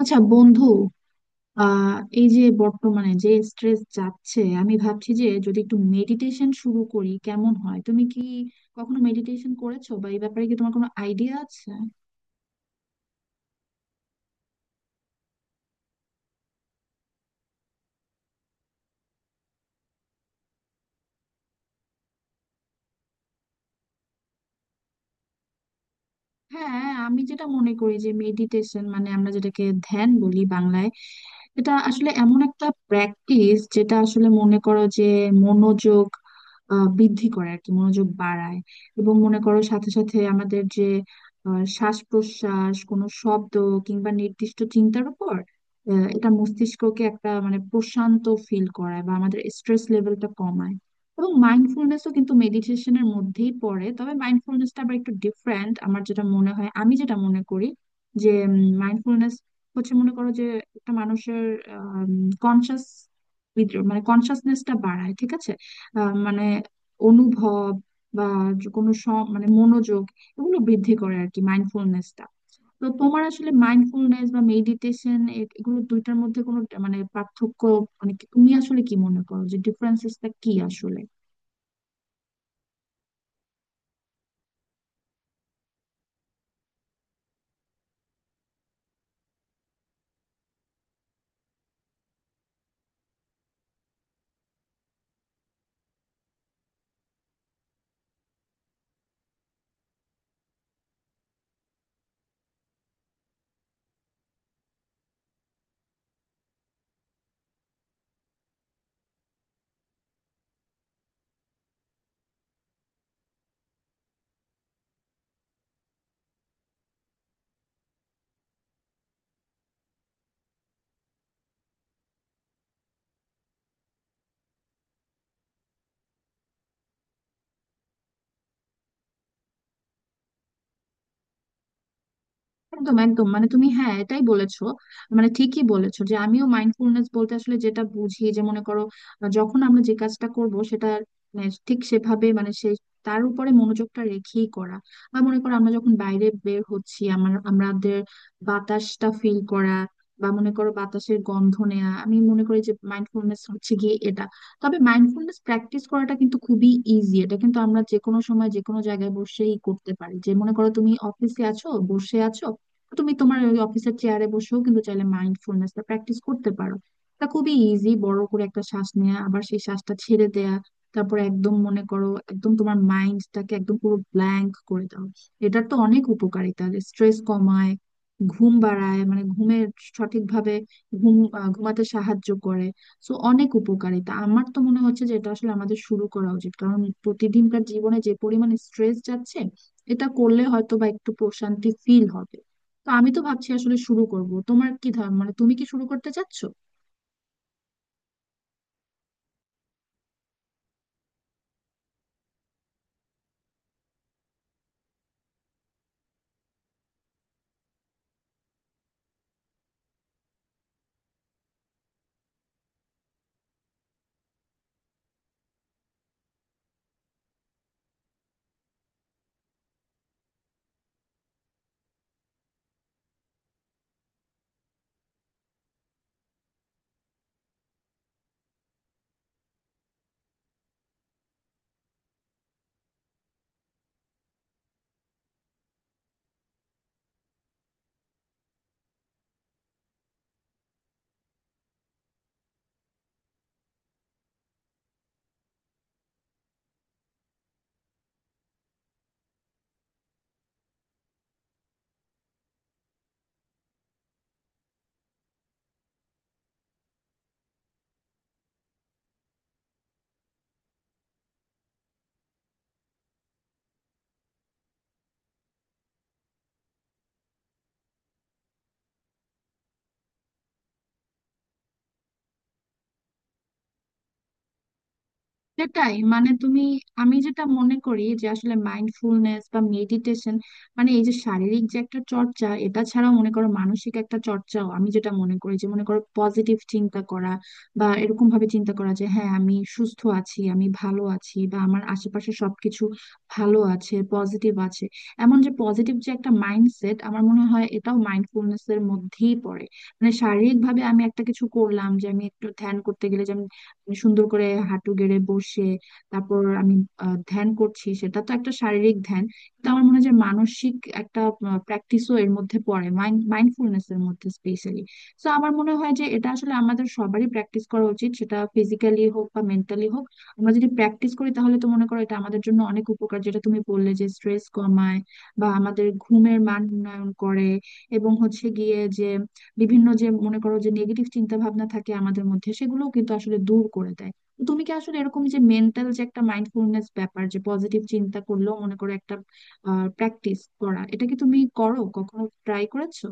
আচ্ছা বন্ধু। আহ এই যে বর্তমানে যে স্ট্রেস যাচ্ছে, আমি ভাবছি যে যদি একটু মেডিটেশন শুরু করি কেমন হয়। তুমি কি কখনো মেডিটেশন করেছো বা এই ব্যাপারে কি তোমার কোনো আইডিয়া আছে? হ্যাঁ, আমি যেটা মনে করি যে মেডিটেশন মানে আমরা যেটাকে ধ্যান বলি বাংলায়। এটা আসলে এমন একটা প্র্যাকটিস যেটা আসলে মনে করো যে মনোযোগ বৃদ্ধি করে আর কি, মনোযোগ বাড়ায়। এবং মনে করো সাথে সাথে আমাদের যে শ্বাস প্রশ্বাস, কোনো শব্দ কিংবা নির্দিষ্ট চিন্তার উপর এটা মস্তিষ্ককে একটা মানে প্রশান্ত ফিল করায় বা আমাদের স্ট্রেস লেভেলটা কমায়। এবং মাইন্ডফুলনেসও কিন্তু মেডিটেশনের মধ্যেই পড়ে, তবে মাইন্ডফুলনেসটা আবার একটু ডিফারেন্ট আমার যেটা মনে হয়, আমি যেটা মনে করি যে হচ্ছে মনে করো যে একটা মানুষের কনসাস মানে কনসাসনেসটা বাড়ায়, ঠিক আছে। মানে অনুভব বা যে কোনো মানে মনোযোগ, এগুলো বৃদ্ধি করে আর কি মাইন্ডফুলনেসটা। তো তোমার আসলে মাইন্ডফুলনেস বা মেডিটেশন, এগুলো দুইটার মধ্যে কোনো মানে পার্থক্য, মানে তুমি আসলে কি মনে করো যে ডিফারেন্সেসটা কি আসলে? একদম একদম, মানে তুমি হ্যাঁ এটাই বলেছো, মানে ঠিকই বলেছো যে আমিও মাইন্ডফুলনেস বলতে আসলে যেটা বুঝি যে মনে করো যখন আমরা যে কাজটা করব সেটা মানে ঠিক সেভাবে মানে সেই তার উপরে মনোযোগটা রেখেই করা, বা মনে করো আমরা যখন বাইরে বের হচ্ছি আমার আমাদের বাতাসটা ফিল করা, বা মনে করো বাতাসের গন্ধ নেওয়া, আমি মনে করি যে মাইন্ডফুলনেস হচ্ছে গিয়ে এটা। তবে মাইন্ডফুলনেস প্র্যাকটিস করাটা কিন্তু খুবই ইজি, এটা কিন্তু আমরা যে কোনো সময় যে কোনো জায়গায় বসেই করতে পারি। যে মনে করো তুমি অফিসে আছো, বসে আছো, তুমি তোমার ওই অফিসের চেয়ারে বসেও কিন্তু চাইলে মাইন্ডফুলনেসটা প্র্যাকটিস করতে পারো। তা খুবই ইজি, বড় করে একটা শ্বাস নেওয়া, আবার সেই শ্বাসটা ছেড়ে দেয়া, তারপরে একদম মনে করো একদম তোমার মাইন্ডটাকে একদম পুরো ব্ল্যাঙ্ক করে দাও। এটার তো অনেক উপকারিতা, স্ট্রেস কমায়, ঘুম বাড়ায়, মানে ঘুমের সঠিকভাবে ঘুম ঘুমাতে সাহায্য করে। সো অনেক উপকারিতা, আমার তো মনে হচ্ছে যে এটা আসলে আমাদের শুরু করা উচিত, কারণ প্রতিদিনকার জীবনে যে পরিমাণ স্ট্রেস যাচ্ছে এটা করলে হয়তো বা একটু প্রশান্তি ফিল হবে। তো আমি তো ভাবছি আসলে শুরু করব, তোমার কি ধারণা, মানে তুমি কি শুরু করতে চাচ্ছ? সেটাই, মানে তুমি আমি যেটা মনে করি যে আসলে মাইন্ডফুলনেস বা মেডিটেশন মানে এই যে শারীরিক যে একটা চর্চা এটা ছাড়াও মনে করো মানসিক একটা চর্চাও, আমি যেটা মনে করি যে মনে করো পজিটিভ চিন্তা করা, বা এরকম ভাবে চিন্তা করা যে হ্যাঁ আমি সুস্থ আছি, আমি ভালো আছি বা আমার আশেপাশে সবকিছু ভালো আছে পজিটিভ আছে, এমন যে পজিটিভ যে একটা মাইন্ডসেট, আমার মনে হয় এটাও মাইন্ডফুলনেস এর মধ্যেই পড়ে। মানে শারীরিক ভাবে আমি একটা কিছু করলাম যে আমি একটু ধ্যান করতে গেলে যে আমি সুন্দর করে হাঁটু গেড়ে বসে তারপর আমি ধ্যান করছি, সেটা তো একটা শারীরিক ধ্যান, কিন্তু আমার মনে হয় যে মানসিক একটা প্র্যাকটিসও এর মধ্যে পড়ে মাইন্ডফুলনেস এর মধ্যে স্পেশালি। তো আমার মনে হয় যে এটা আসলে আমাদের সবারই প্র্যাকটিস করা উচিত, সেটা ফিজিক্যালি হোক বা মেন্টালি হোক। আমরা যদি প্র্যাকটিস করি তাহলে তো মনে করো এটা আমাদের জন্য অনেক উপকার, যেটা তুমি বললে যে স্ট্রেস কমায় বা আমাদের ঘুমের মান উন্নয়ন করে, এবং হচ্ছে গিয়ে যে বিভিন্ন যে মনে করো যে নেগেটিভ চিন্তা ভাবনা থাকে আমাদের মধ্যে সেগুলোও কিন্তু আসলে দূর করে দেয়। তো তুমি কি আসলে এরকম যে মেন্টাল যে একটা মাইন্ডফুলনেস ব্যাপার যে পজিটিভ চিন্তা করলেও মনে করো একটা প্র্যাকটিস করা, এটা কি তুমি করো, কখনো ট্রাই করেছো?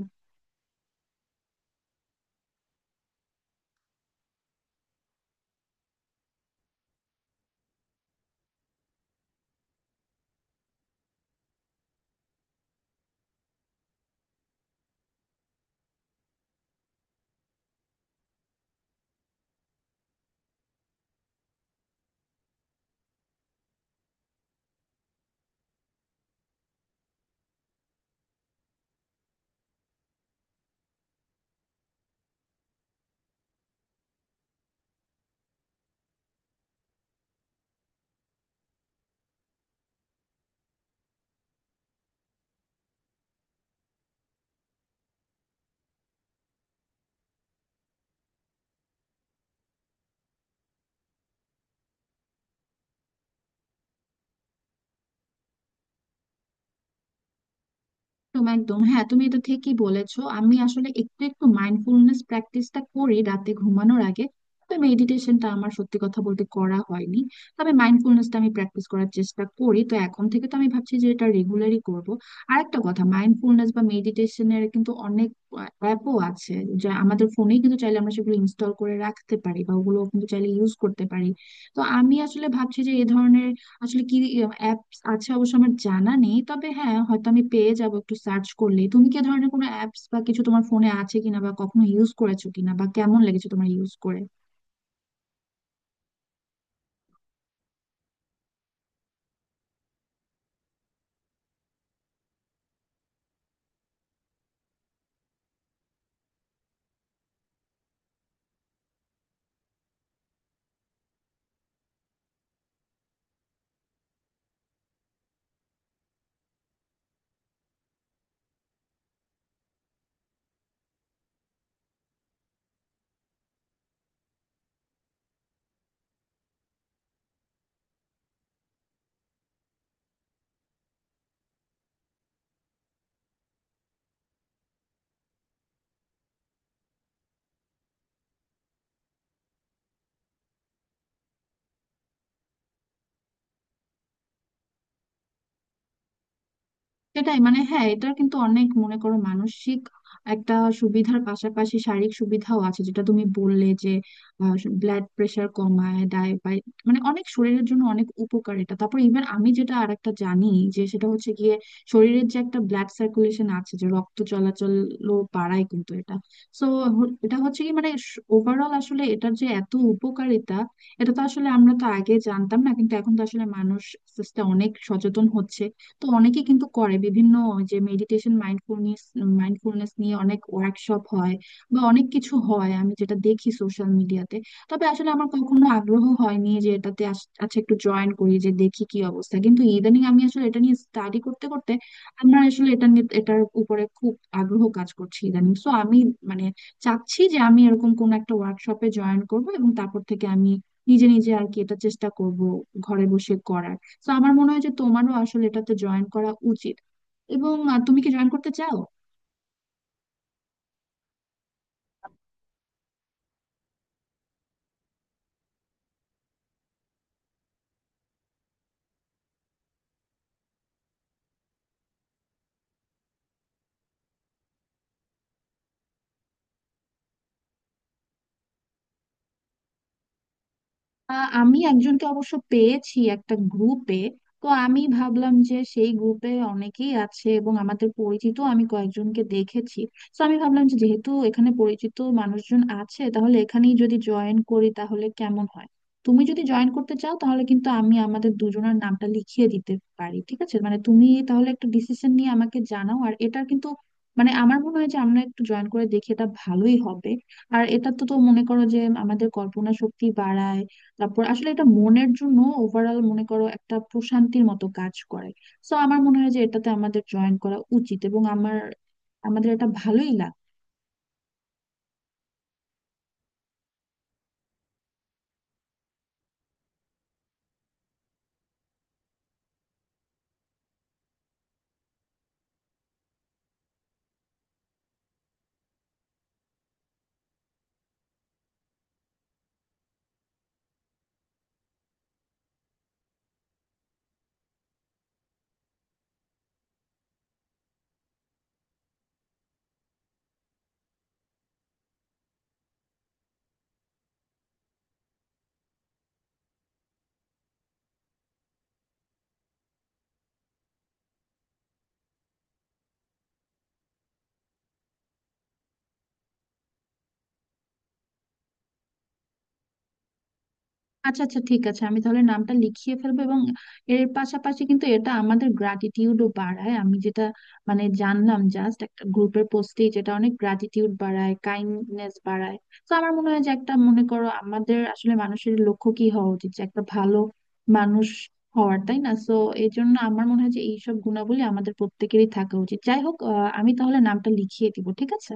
একদম একদম, হ্যাঁ তুমি এটা ঠিকই বলেছো। আমি আসলে একটু একটু মাইন্ডফুলনেস প্র্যাকটিসটা করি রাতে ঘুমানোর আগে, তো মেডিটেশনটা আমার সত্যি কথা বলতে করা হয়নি, তবে মাইন্ডফুলনেসটা আমি প্র্যাকটিস করার চেষ্টা করি। তো এখন থেকে তো আমি ভাবছি যে এটা রেগুলারই করব। আর একটা কথা, মাইন্ডফুলনেস বা মেডিটেশনের কিন্তু অনেক অ্যাপও আছে যা আমাদের ফোনেই, কিন্তু চাইলে আমরা সেগুলো ইনস্টল করে রাখতে পারি বা ওগুলো কিন্তু চাইলে ইউজ করতে পারি। তো আমি আসলে ভাবছি যে এ ধরনের আসলে কি, আচ্ছা অবশ্য আমার জানা নেই তবে হ্যাঁ হয়তো আমি পেয়ে যাব একটু সার্চ করলে। তুমি কি এ ধরনের কোনো অ্যাপস বা কিছু তোমার ফোনে আছে কিনা, বা কখনো ইউজ করেছো কিনা, বা কেমন লেগেছে তোমার ইউজ করে? সেটাই, মানে হ্যাঁ এটার কিন্তু অনেক মনে করো মানসিক একটা সুবিধার পাশাপাশি শারীরিক সুবিধাও আছে, যেটা তুমি বললে যে ব্লাড প্রেশার কমায়, ডায়াবেটিস, মানে অনেক শরীরের জন্য অনেক উপকার এটা। তারপর ইভেন আমি যেটা আরেকটা জানি যে সেটা হচ্ছে গিয়ে শরীরের যে একটা ব্লাড সার্কুলেশন আছে যে রক্ত চলাচল বাড়ায় কিন্তু এটা। সো এটা হচ্ছে কি মানে ওভারঅল আসলে এটার যে এত উপকারিতা, এটা তো আসলে আমরা তো আগে জানতাম না, কিন্তু এখন তো আসলে মানুষ আস্তে আস্তে অনেক সচেতন হচ্ছে। তো অনেকে কিন্তু করে, বিভিন্ন যে মেডিটেশন মাইন্ডফুলনেস মাইন্ডফুলনেস নিয়ে অনেক ওয়ার্কশপ হয় বা অনেক কিছু হয়, আমি যেটা দেখি সোশ্যাল মিডিয়াতে। তবে আসলে আমার কখনো আগ্রহ হয়নি যে এটাতে আচ্ছা একটু জয়েন করি যে দেখি কি অবস্থা, কিন্তু ইদানিং আমি আসলে এটা নিয়ে স্টাডি করতে করতে আমার আসলে এটা নিয়ে এটার উপরে খুব আগ্রহ কাজ করছে ইদানিং। সো আমি মানে চাচ্ছি যে আমি এরকম কোন একটা ওয়ার্কশপে জয়েন করব, এবং তারপর থেকে আমি নিজে নিজে আর কি এটা চেষ্টা করব ঘরে বসে করার। তো আমার মনে হয় যে তোমারও আসলে এটাতে জয়েন করা উচিত, এবং তুমি কি জয়েন করতে চাও? আমি একজনকে অবশ্য পেয়েছি একটা গ্রুপে, তো আমি ভাবলাম যে সেই গ্রুপে অনেকেই আছে এবং আমাদের পরিচিত আমি কয়েকজনকে দেখেছি। তো আমি ভাবলাম যে যেহেতু এখানে পরিচিত মানুষজন আছে, তাহলে এখানেই যদি জয়েন করি তাহলে কেমন হয়। তুমি যদি জয়েন করতে চাও তাহলে কিন্তু আমি আমাদের দুজনের নামটা লিখিয়ে দিতে পারি, ঠিক আছে। মানে তুমি তাহলে একটা ডিসিশন নিয়ে আমাকে জানাও। আর এটা কিন্তু মানে আমার মনে হয় যে আমরা একটু জয়েন করে দেখি, এটা ভালোই হবে। আর এটা তো তো মনে করো যে আমাদের কল্পনা শক্তি বাড়ায়, তারপর আসলে এটা মনের জন্য ওভারঅল মনে করো একটা প্রশান্তির মতো কাজ করে। সো আমার মনে হয় যে এটাতে আমাদের জয়েন করা উচিত, এবং আমার আমাদের এটা ভালোই লাগে। আচ্ছা আচ্ছা, ঠিক আছে আমি তাহলে নামটা লিখিয়ে ফেলবো। এবং এর পাশাপাশি কিন্তু এটা আমাদের গ্র্যাটিটিউডও বাড়ায়, আমি যেটা মানে জানলাম জাস্ট একটা গ্রুপের পোস্টেই, যেটা অনেক গ্র্যাটিটিউড বাড়ায়, কাইন্ডনেস বাড়ায়। তো আমার মনে হয় যে একটা মনে করো আমাদের আসলে মানুষের লক্ষ্য কি হওয়া উচিত, যে একটা ভালো মানুষ হওয়ার, তাই না। তো এই জন্য আমার মনে হয় যে এইসব গুণাবলী আমাদের প্রত্যেকেরই থাকা উচিত। যাই হোক আমি তাহলে নামটা লিখিয়ে দিব, ঠিক আছে।